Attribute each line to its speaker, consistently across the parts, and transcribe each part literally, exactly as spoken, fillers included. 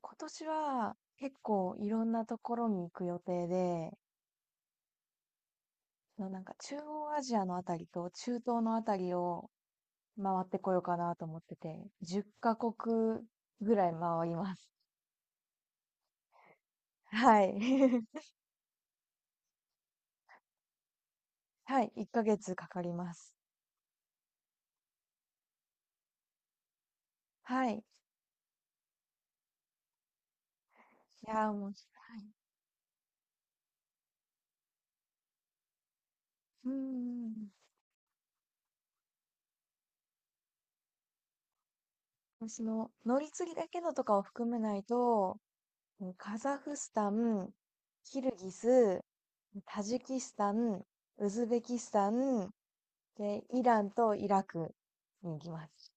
Speaker 1: 今年は結構いろんなところに行く予定で、そのなんか中央アジアのあたりと中東のあたりを回ってこようかなと思ってて、じゅっかこくカ国ぐらい回ります。はい。はい。いっかげつかかります。はい。いやーもう、はい。うんうんうん。私の乗り継ぎだけのとかを含めないと、もうカザフスタン、キルギス、タジキスタン、ウズベキスタン、で、イランとイラクに行きます。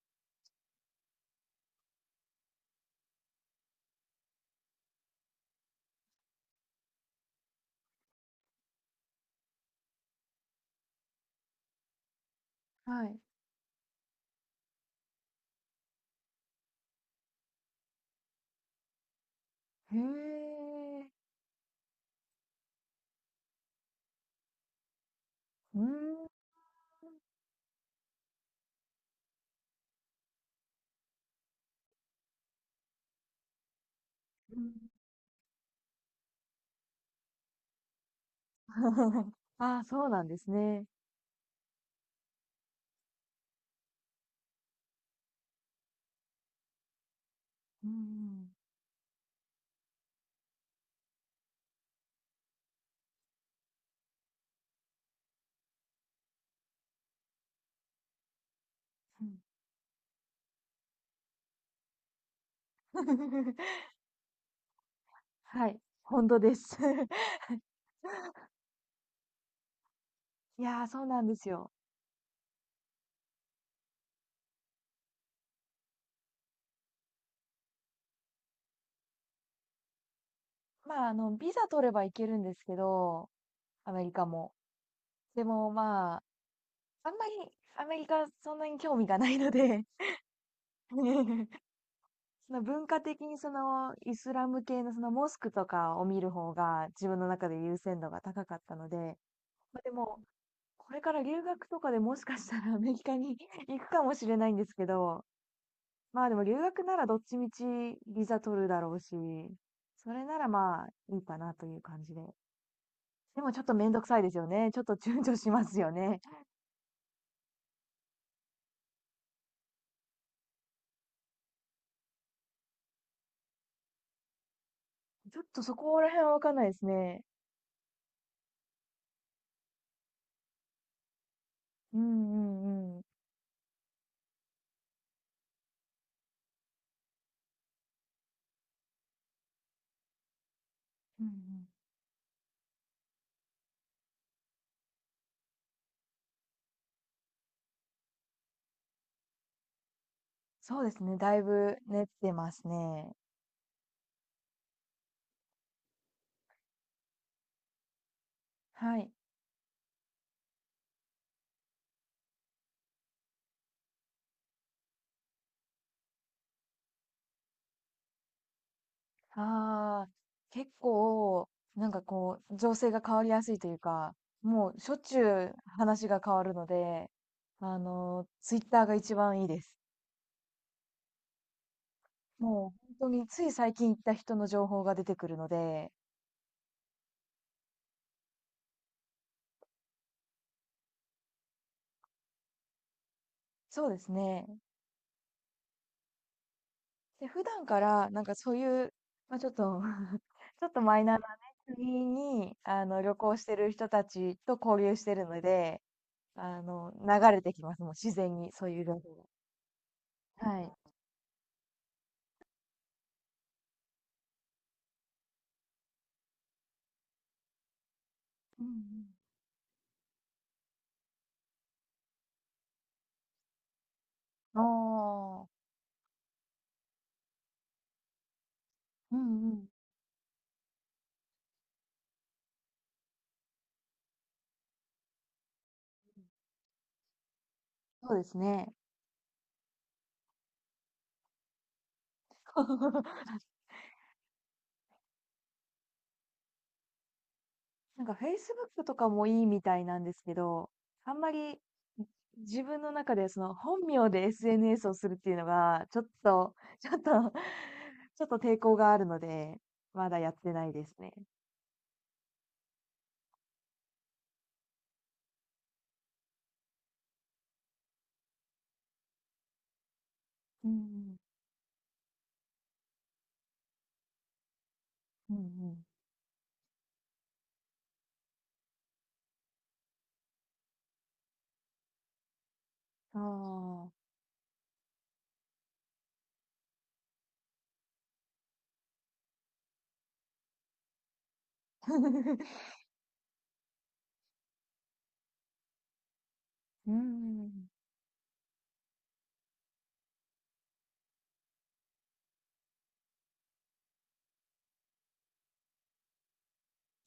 Speaker 1: はい。へえ。うーん。ああ、そうなんですね。うん。うん はい、本当です。いやー、そうなんですよ。まあ、あの、ビザ取れば行けるんですけど、アメリカも。でも、まあ、あんまりアメリカそんなに興味がないので、 その文化的にそのイスラム系のそのモスクとかを見る方が自分の中で優先度が高かったので、まあ、でも、これから留学とかでもしかしたら アメリカに 行くかもしれないんですけど、まあ、でも留学ならどっちみちビザ取るだろうし、それならまあ、いいかなという感じで。でもちょっとめんどくさいですよね。ちょっと躊躇しますよね。ちょっとそこら辺はわかんないですね。うんうんうん。うんうん。そうですね、だいぶ練ってますね。はい。ああ、結構、なんかこう、情勢が変わりやすいというか、もうしょっちゅう話が変わるので、あの、ツイッターが一番いいです。もう本当につい最近行った人の情報が出てくるので、そうですね。で、普段からなんかそういう、まあ、ちょっと ちょっとマイナーなね、国に、あの、旅行してる人たちと交流してるので、あの、流れてきます。もう自然にそういう情報が。はい。うんうん、ああ、うんうん。そうですね。なんか フェイスブック とかもいいみたいなんですけど、あんまり、自分の中でその本名で エスエヌエス をするっていうのが、ちょっと ちょっとちょっと抵抗があるので、まだやってないですね。うんうん。うんうん。ああ。うんうんうんうん、ああ、うん、んうん、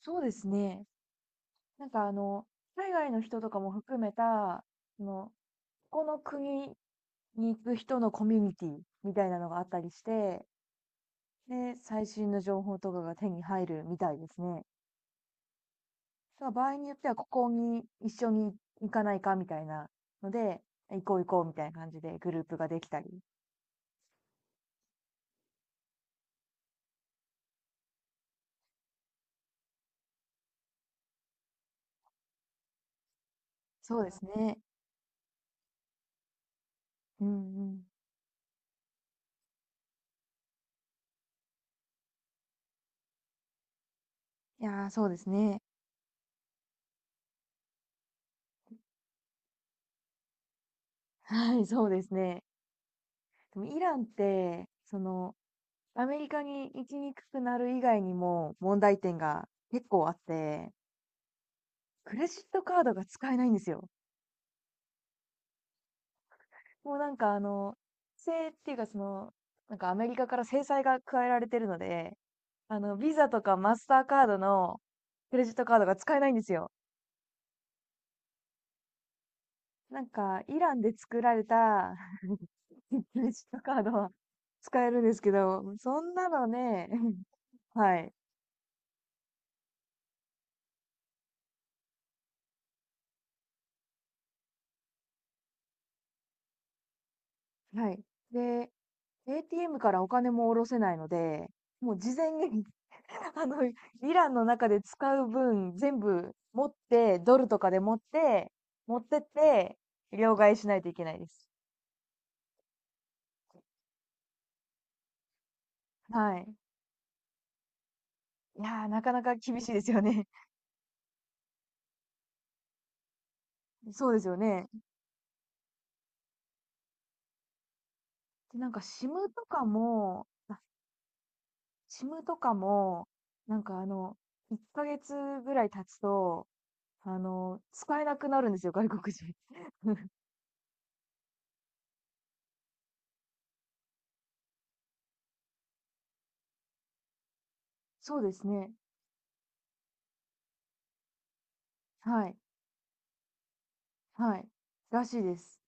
Speaker 1: そうですね。なんかあの、海外の人とかも含めた、その、ここの国に行く人のコミュニティみたいなのがあったりして、で、最新の情報とかが手に入るみたいですね。だから場合によっては、ここに一緒に行かないかみたいなので、行こう行こうみたいな感じでグループができたり。そうですね。うんうん。いや、そうですね。はい、そうですね。でもイランって、その、アメリカに行きにくくなる以外にも問題点が結構あって、クレジットカードが使えないんですよ。もうなんかあの、制っていうかその、なんかアメリカから制裁が加えられてるので、あの、ビザとかマスターカードのクレジットカードが使えないんですよ。なんか、イランで作られた クレジットカードは使えるんですけど、そんなのね、はい、はい。で、エーティーエム からお金も下ろせないので、もう事前に あの、イランの中で使う分、全部持って、ドルとかで持って、持ってって、両替しないといけないです。はい。いやー、なかなか厳しいですよね。そうですよね。で、なんかシムとかも、あ、シムとかも、なんかあの、いっかげつぐらい経つと、あの、使えなくなるんですよ、外国人。そうですね。はい。はい。らしいです。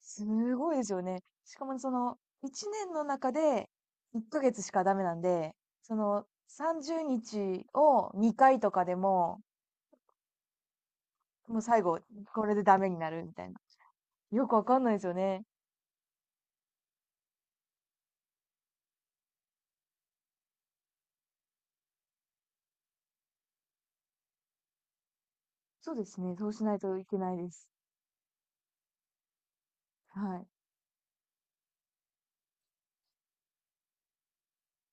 Speaker 1: すごいですよね。しかもその、いちねんの中でいっかげつしかダメなんで、その、さんじゅうにちをにかいとかでも、もう最後、これでダメになるみたいな。よくわかんないですよね。そうですね。そうしないといけないです。はい。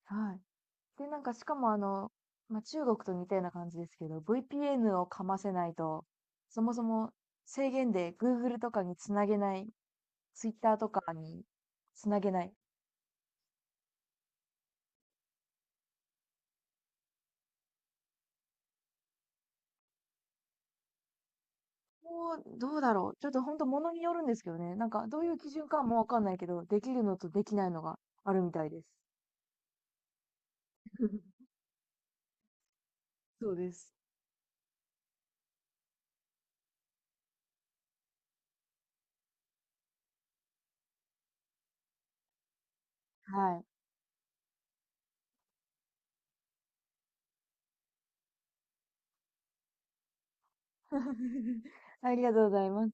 Speaker 1: はい。で、なんかしかもあの、まあ、中国と似たような感じですけど、ブイピーエヌ をかませないと、そもそも制限で グーグル とかにつなげない、ツイッター とかにつなげない。もう、どうだろう。ちょっと本当物によるんですけどね。なんかどういう基準かもわかんないけど、できるのとできないのがあるみたいです。そうです。はい。ありがとうございます。